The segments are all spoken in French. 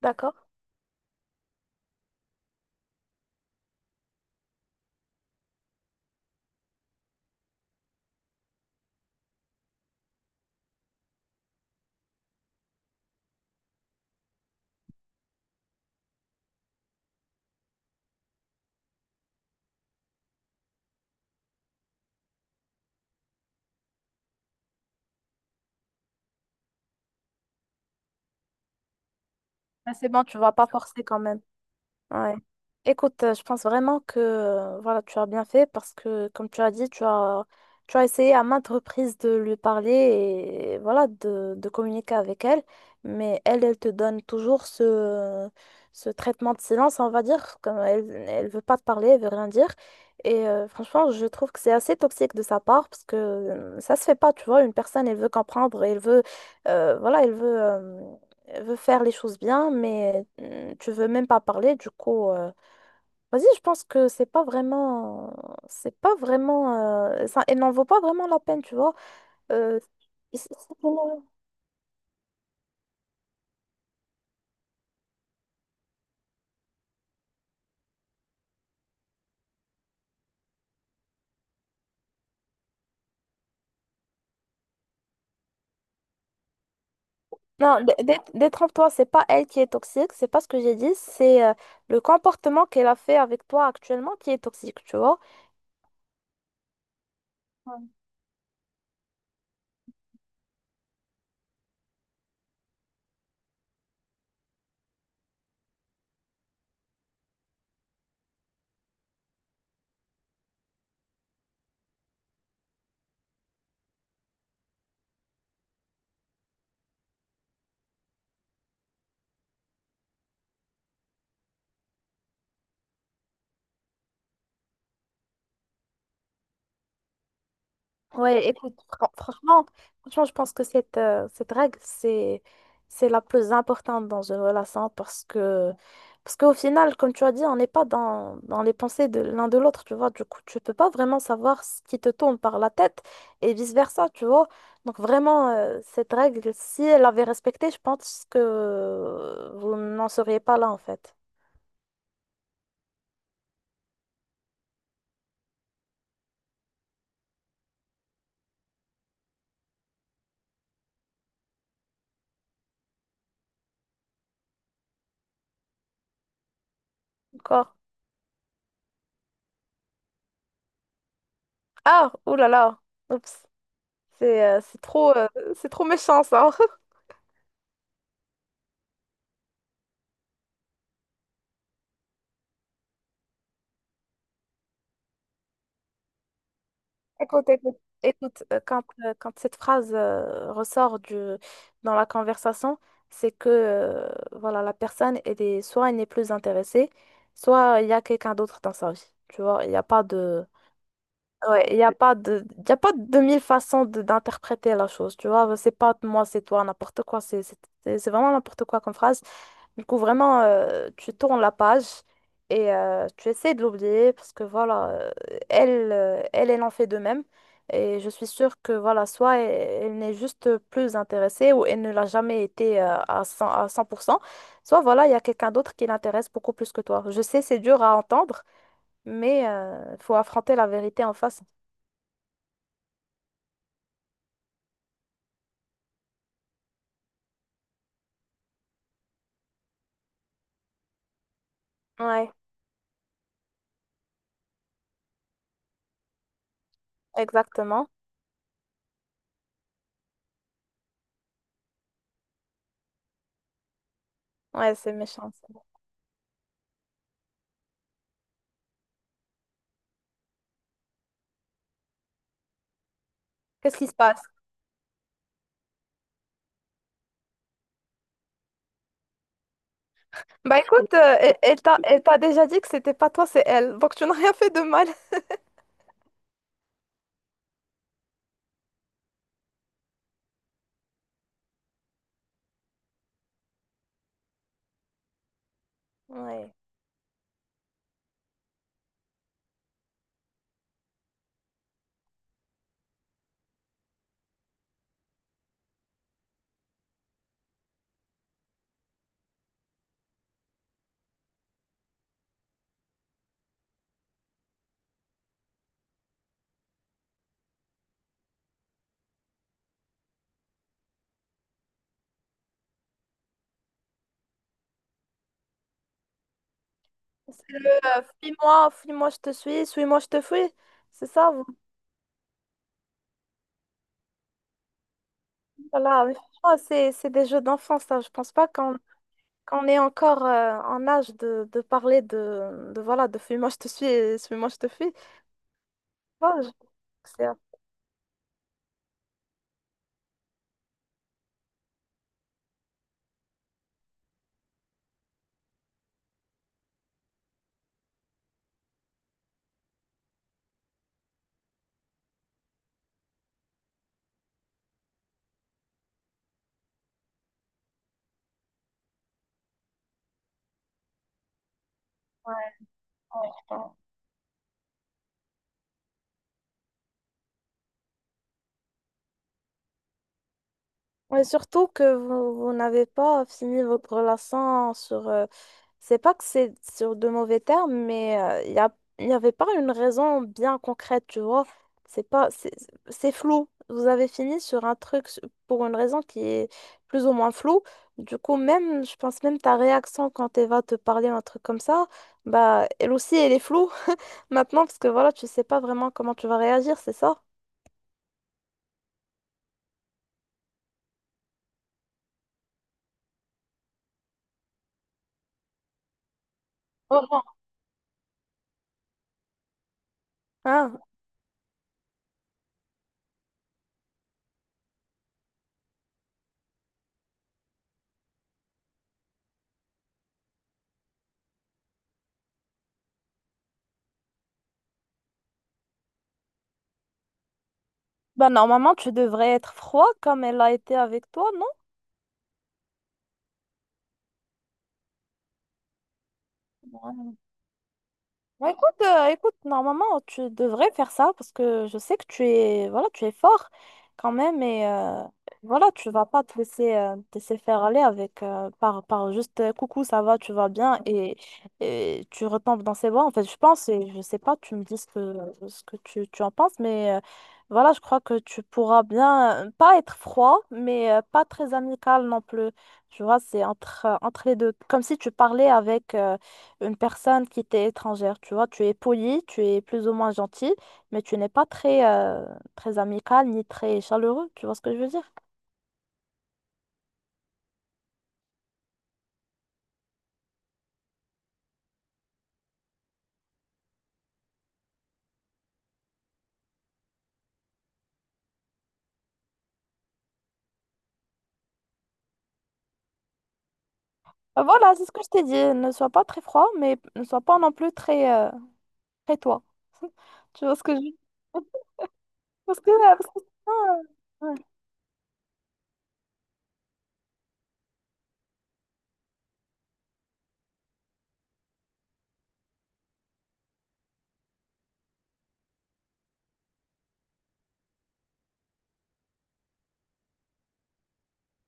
D'accord. Ben, c'est bon, tu vas pas forcer quand même. Ouais. Écoute, je pense vraiment que voilà, tu as bien fait parce que, comme tu as dit, tu as essayé à maintes reprises de lui parler et voilà, de communiquer avec elle, mais elle te donne toujours ce traitement de silence, on va dire, comme elle veut pas te parler, elle veut rien dire. Et franchement, je trouve que c'est assez toxique de sa part parce que ça se fait pas, tu vois, une personne, elle veut comprendre, elle veut. Veut faire les choses bien, mais tu veux même pas parler, du coup, vas-y, je pense que c'est pas vraiment, ça, elle n'en vaut pas vraiment la peine, tu vois. Euh, c'est- c'est- non, détrompe-toi, c'est pas elle qui est toxique, c'est pas ce que j'ai dit, c'est le comportement qu'elle a fait avec toi actuellement qui est toxique, tu vois. Ouais, écoute, franchement, je pense que cette règle, c'est la plus importante dans une relation parce qu'au final, comme tu as dit, on n'est pas dans les pensées de l'un de l'autre, tu vois. Du coup, tu peux pas vraiment savoir ce qui te tourne par la tête et vice-versa, tu vois. Donc, vraiment, cette règle, si elle avait respecté, je pense que vous n'en seriez pas là, en fait. D'accord? Ah, oulala, oups, c'est euh, c'est trop, euh, c'est trop méchant, ça. Écoute, écoute, Écoute, quand cette phrase ressort dans la conversation, c'est que voilà, la personne, elle est, soit elle n'est plus intéressée, soit il y a quelqu'un d'autre dans sa vie. Tu vois, il n'y a pas de… Ouais, il n'y a pas de, il y a pas de mille façons de- d'interpréter la chose, tu vois. C'est pas moi, c'est toi, n'importe quoi. C'est vraiment n'importe quoi comme phrase. Du coup, vraiment, tu tournes la page et tu essaies de l'oublier parce que voilà, elle, elle en fait de même. Et je suis sûre que voilà, soit elle n'est juste plus intéressée ou elle ne l'a jamais été à 100, à 100%, soit voilà, il y a quelqu'un d'autre qui l'intéresse beaucoup plus que toi. Je sais, c'est dur à entendre, mais il faut affronter la vérité en face. Ouais, exactement. Ouais, c'est méchant. Ça. Qu'est-ce qui se passe? Bah écoute, elle t'a déjà dit que c'était pas toi, c'est elle. Donc tu n'as rien fait de mal. Ouais. C'est le fuis-moi, fuis-moi, je te suis, suis-moi, je te fuis. C'est ça, vous- voilà. Mais franchement, c'est des jeux d'enfance, ça. Je pense pas qu'on qu'on est encore en âge de parler voilà, de fuis-moi, je te suis et suis-moi, je te fuis. Ouais, je- trouve que c'est- Et surtout que vous, vous n'avez pas fini votre relation sur, c'est pas que c'est sur de mauvais termes, mais il y avait pas une raison bien concrète, tu vois. C'est pas, c'est flou. Vous avez fini sur un truc s- pour une raison qui est plus ou moins floue. Du coup, même, je pense même ta réaction quand Eva te parlait un truc comme ça, bah, elle aussi, elle est floue maintenant parce que voilà, tu sais pas vraiment comment tu vas réagir, c'est ça? Oh, bon. Hein? Bah, normalement, tu devrais être froid comme elle a été avec toi, non? Bah, écoute, normalement, tu devrais faire ça parce que je sais que tu es, voilà, tu es fort quand même et voilà, tu vas pas te laisser, te laisser faire aller avec par juste coucou, ça va, tu vas bien et tu retombes dans ses bras. En fait, je pense et je sais pas, tu me dis ce que tu en penses, mais voilà, je crois que tu pourras bien, pas être froid, mais pas très amical non plus. Tu vois, c'est entre, entre les deux, comme si tu parlais avec. Une personne qui t'est étrangère, tu vois. Tu es poli, tu es plus ou moins gentil, mais tu n'es pas très, très amical ni très chaleureux, tu vois ce que je veux dire? Voilà, c'est ce que je t'ai dit. Ne sois pas très froid, mais ne sois pas non plus très, très toi. Tu vois ce que je veux dire? Parce que sinon, ouais.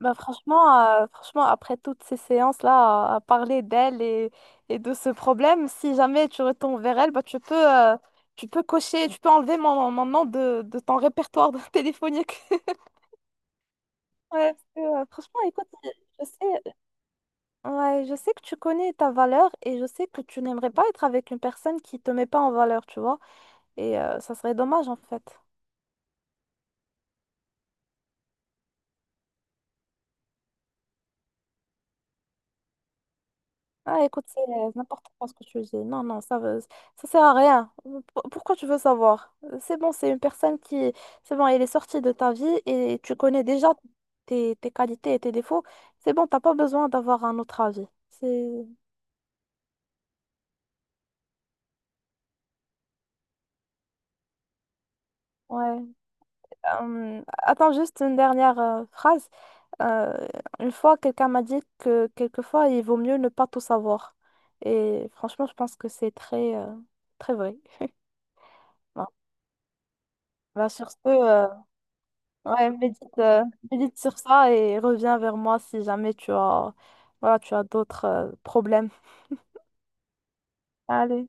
Bah, franchement, franchement, après toutes ces séances-là, à parler d'elle et de ce problème, si jamais tu retournes vers elle, bah, tu peux cocher, tu peux enlever mon nom de ton répertoire de téléphonique. Ouais, parce que, franchement, écoute, je sais, ouais, je sais que tu connais ta valeur et je sais que tu n'aimerais pas être avec une personne qui te met pas en valeur, tu vois. Et ça serait dommage en fait. Ah, écoute, c'est n'importe quoi ce que tu dis. Non, non, ça veut, ça sert à rien. Pour- pourquoi tu veux savoir? C'est bon, c'est une personne qui, c'est bon, elle est sortie de ta vie et tu connais déjà tes, tes qualités et tes défauts. C'est bon, t'as pas besoin d'avoir un autre avis. C'est, ouais. Attends juste une dernière phrase. Euh, une fois, quelqu'un m'a dit que quelquefois, il vaut mieux ne pas tout savoir. Et franchement, je pense que c'est très, très vrai. Voilà. Bah, sur ce, ouais, médite, médite sur ça et reviens vers moi si jamais tu as, voilà, tu as d'autres, problèmes. Allez.